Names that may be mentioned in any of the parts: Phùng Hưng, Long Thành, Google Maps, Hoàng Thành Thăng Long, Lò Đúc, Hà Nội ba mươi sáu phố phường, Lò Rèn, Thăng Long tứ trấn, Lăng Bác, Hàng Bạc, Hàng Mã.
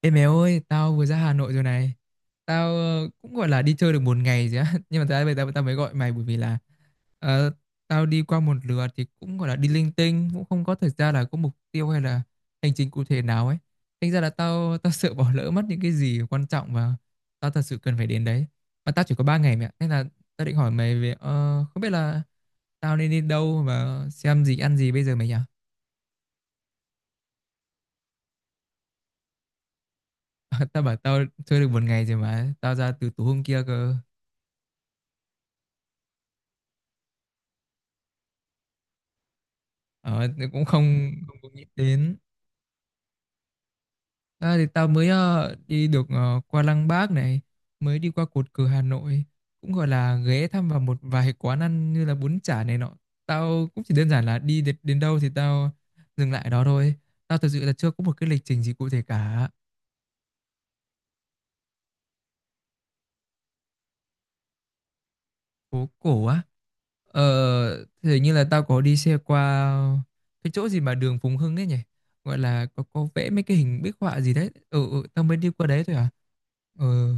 Ê mèo ơi, tao vừa ra Hà Nội rồi này. Tao cũng gọi là đi chơi được một ngày rồi á. Nhưng mà tại bây giờ tao tao mới gọi mày bởi vì là ờ, tao đi qua một lượt thì cũng gọi là đi linh tinh, cũng không có thời gian là có mục tiêu hay là hành trình cụ thể nào ấy. Thành ra là tao tao sợ bỏ lỡ mất những cái gì quan trọng và tao thật sự cần phải đến đấy. Mà tao chỉ có 3 ngày mẹ, nên là tao định hỏi mày về không biết là tao nên đi đâu và xem gì ăn gì bây giờ mày nhỉ? Tao bảo tao chơi được một ngày rồi mà tao ra từ tối hôm kia cơ. Ờ, thì cũng không không có nghĩ đến. À, thì tao mới đi được qua Lăng Bác này, mới đi qua cột cờ Hà Nội, cũng gọi là ghé thăm vào một vài quán ăn như là bún chả này nọ. Tao cũng chỉ đơn giản là đi đến, đến đâu thì tao dừng lại đó thôi. Tao thực sự là chưa có một cái lịch trình gì cụ thể cả. Phố cổ á. Ờ, thì như là tao có đi xe qua cái chỗ gì mà đường Phùng Hưng ấy nhỉ? Gọi là có vẽ mấy cái hình bích họa gì đấy. Ừ, ừ tao mới đi qua đấy thôi à. Ừ.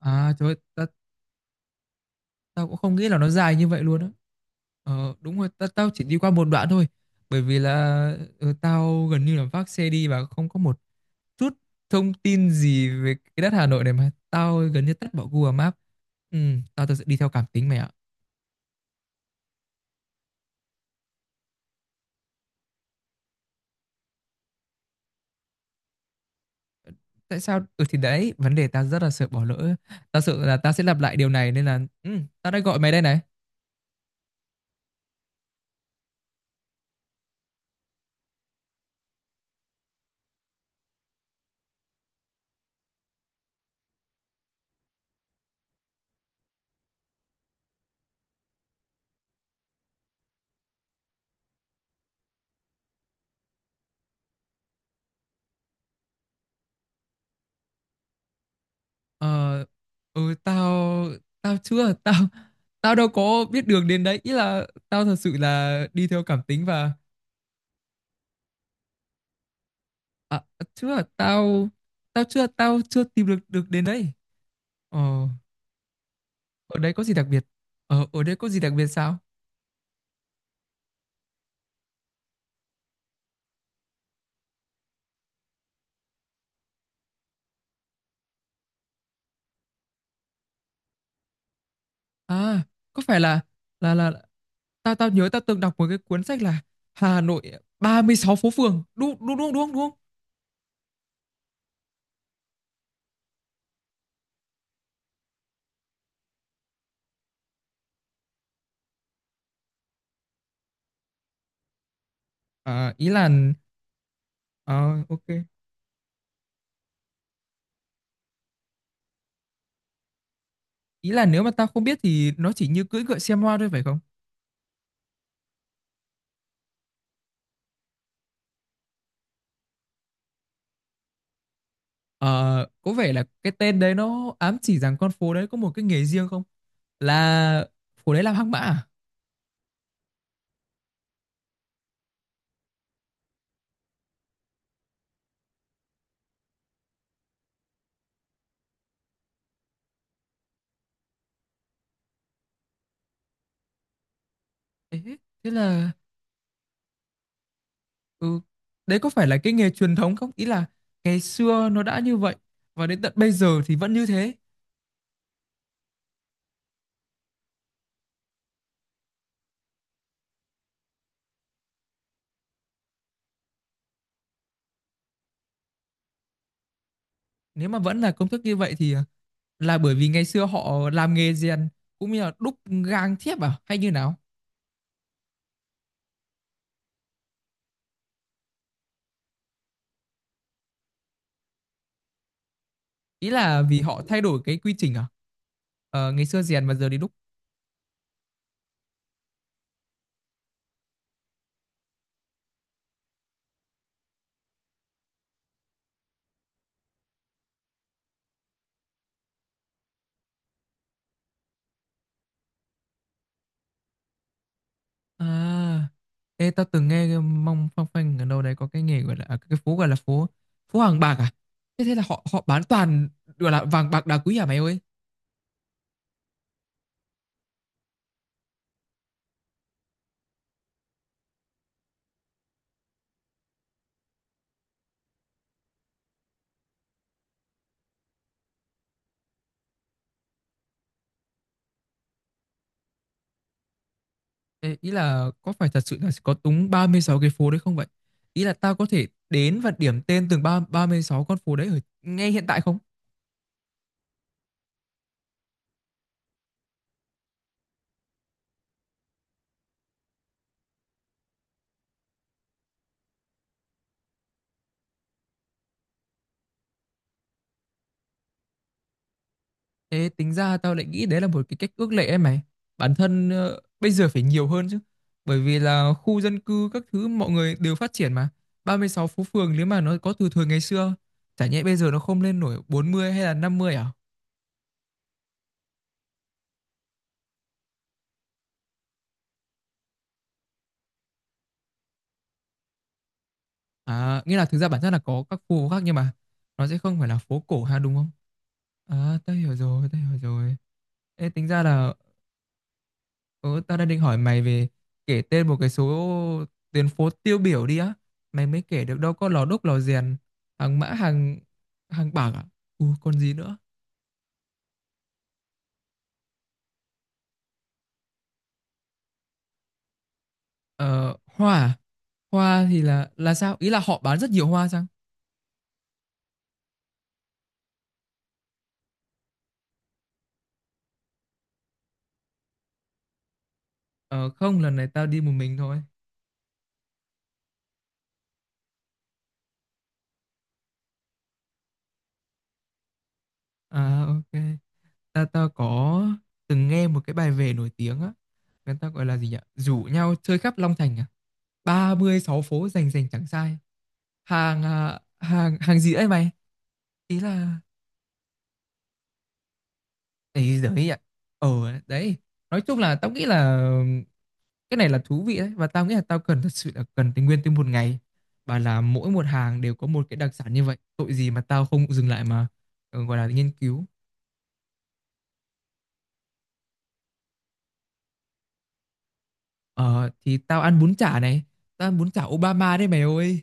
À trời ơi, tao cũng không nghĩ là nó dài như vậy luôn á. Ờ, đúng rồi, tao chỉ đi qua một đoạn thôi. Bởi vì là tao gần như là vác xe đi và không có một chút thông tin gì về cái đất Hà Nội này mà tao gần như tắt bỏ Google Maps. Ừ, tao thật sự đi theo cảm tính mày ạ. Tại sao? Ừ thì đấy, vấn đề tao rất là sợ bỏ lỡ. Tao sợ là tao sẽ lặp lại điều này nên là ừ, tao đã gọi mày đây này. Ờ, ừ, tao tao chưa tao tao đâu có biết đường đến đấy, ý là tao thật sự là đi theo cảm tính và à, chưa tao chưa. Tao chưa tìm được được đến đấy. ờ, ở đây có gì đặc biệt Ở đây có gì đặc biệt sao? À, có phải là là tao tao nhớ tao từng đọc một cái cuốn sách là Hà Nội 36 phố phường, đúng đúng đúng đúng đúng không? À, ý là ờ, ok, ý là nếu mà tao không biết thì nó chỉ như cưỡi ngựa xem hoa thôi phải không? Ờ, có vẻ là cái tên đấy nó ám chỉ rằng con phố đấy có một cái nghề riêng không? Là phố đấy làm hang mã à? Thế, thế là ừ, đấy có phải là cái nghề truyền thống không? Ý là ngày xưa nó đã như vậy và đến tận bây giờ thì vẫn như thế. Nếu mà vẫn là công thức như vậy thì à, là bởi vì ngày xưa họ làm nghề rèn cũng như là đúc gang thiếp à hay như nào? Ý là vì họ thay đổi cái quy trình à? Ờ, ngày xưa rèn mà giờ đi đúc. À, ê, tao từng nghe cái mong phong phanh ở đâu đấy có cái nghề gọi là à, cái phố gọi là phố phố vàng bạc à? Thế thế là họ họ bán toàn gọi là vàng bạc đá quý à mày ơi? Ê, ý là có phải thật sự là có đúng 36 cái phố đấy không vậy? Ý là tao có thể đến và điểm tên từng ba 36 con phố đấy ở ngay hiện tại không? Thế tính ra tao lại nghĩ đấy là một cái cách ước lệ ấy mày. Bản thân bây giờ phải nhiều hơn chứ. Bởi vì là khu dân cư các thứ mọi người đều phát triển mà. 36 phố phường nếu mà nó có từ thời ngày xưa, chả nhẽ bây giờ nó không lên nổi 40 hay là 50 à? À, nghĩa là thực ra bản chất là có các khu khác nhưng mà nó sẽ không phải là phố cổ ha đúng không? À, tao hiểu rồi, tao hiểu rồi. Ê, tính ra là ừ, tao đang định hỏi mày về kể tên một cái số tuyến phố tiêu biểu đi á. Mày mới kể được đâu có Lò Đúc, Lò Rèn, Hàng Mã, Hàng Hàng Bạc à? Ừ, còn gì nữa? Ờ, hoa à? Hoa thì là sao? Ý là họ bán rất nhiều hoa chăng? Ờ, không, lần này tao đi một mình thôi. À, ok. Ta ta có từng nghe một cái bài về nổi tiếng á. Người ta gọi là gì nhỉ? Rủ nhau chơi khắp Long Thành à? 36 phố rành rành chẳng sai. Hàng à, hàng hàng gì đấy mày? Ý là ấy giời ạ. Ờ, đấy. Nói chung là tao nghĩ là cái này là thú vị đấy, và tao nghĩ là tao cần, thật sự là cần tình nguyên từ một ngày, và là mỗi một hàng đều có một cái đặc sản như vậy, tội gì mà tao không dừng lại mà gọi là nghiên cứu. Ờ thì tao ăn bún chả này, tao ăn bún chả Obama đấy mày ơi.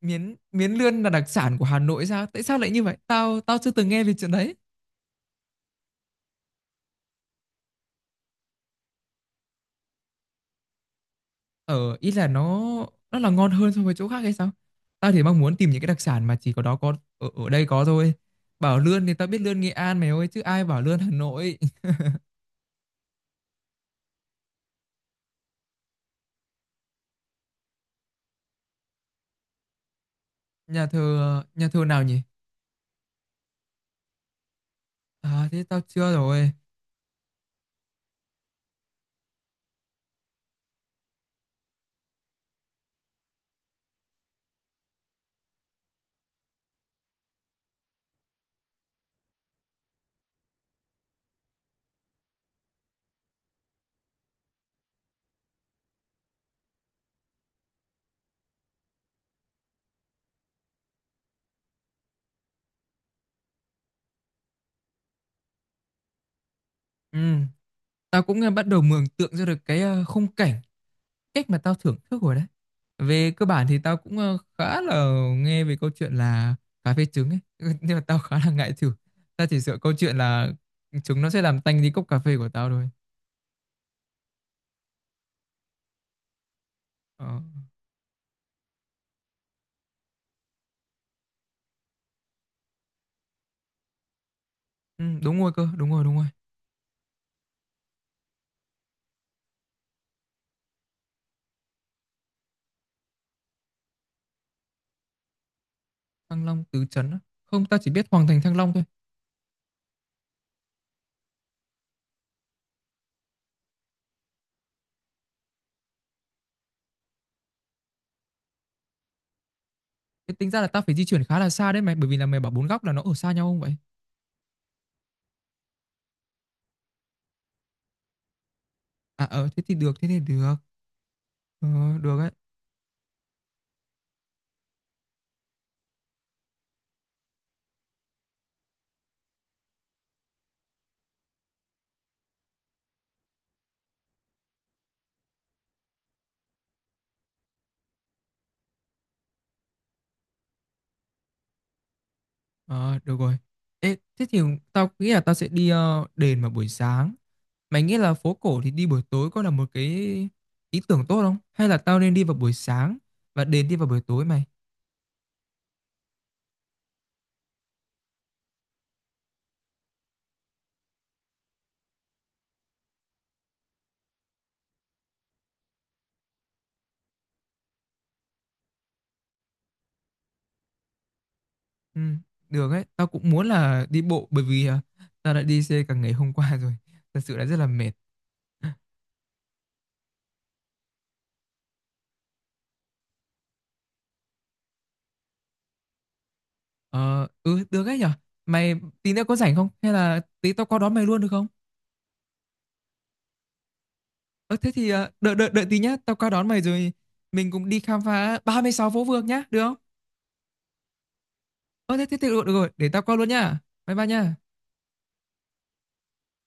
Miến miến lươn là đặc sản của Hà Nội sao? Tại sao lại như vậy? Tao tao chưa từng nghe về chuyện đấy. Ờ, ý là nó là ngon hơn so với chỗ khác hay sao? Tao thì mong muốn tìm những cái đặc sản mà chỉ có đó có ở đây có thôi. Bảo lươn thì tao biết lươn Nghệ An mày ơi chứ ai bảo lươn Hà Nội. Nhà thờ nào nhỉ? À thế tao chưa rồi. Ừ, tao cũng bắt đầu mường tượng ra được cái khung cảnh, cách mà tao thưởng thức rồi đấy. Về cơ bản thì tao cũng khá là nghe về câu chuyện là cà phê trứng ấy nhưng mà tao khá là ngại thử. Tao chỉ sợ câu chuyện là trứng nó sẽ làm tanh đi cốc cà phê của tao thôi. ờ. Ừ, đúng rồi cơ, đúng rồi, đúng rồi. Thăng Long Tứ Trấn á. Không, tao chỉ biết Hoàng Thành Thăng Long thôi. Thế tính ra là tao phải di chuyển khá là xa đấy mày, bởi vì là mày bảo bốn góc là nó ở xa nhau không vậy? À, thế thì được, thế thì được, ờ, được ấy, ờ, được rồi. Ê, thế thì tao nghĩ là tao sẽ đi đền vào buổi sáng. Mày nghĩ là phố cổ thì đi buổi tối có là một cái ý tưởng tốt không? Hay là tao nên đi vào buổi sáng và đi vào buổi tối mày? Ừ, được ấy, tao cũng muốn là đi bộ bởi vì à, tao đã đi xe cả ngày hôm qua rồi. Thật sự là rất là mệt. Ờ, ừ, được ấy nhở? Mày tí nữa có rảnh không? Hay là tí tao qua đón mày luôn được không? Ờ, thế thì à, đợi, đợi, đợi tí nhá, tao qua đón mày rồi mình cùng đi khám phá 36 phố phường nhá, được không? Ờ, thế, thế, thế được, được rồi, để tao qua luôn nhá. Bye bye nhá.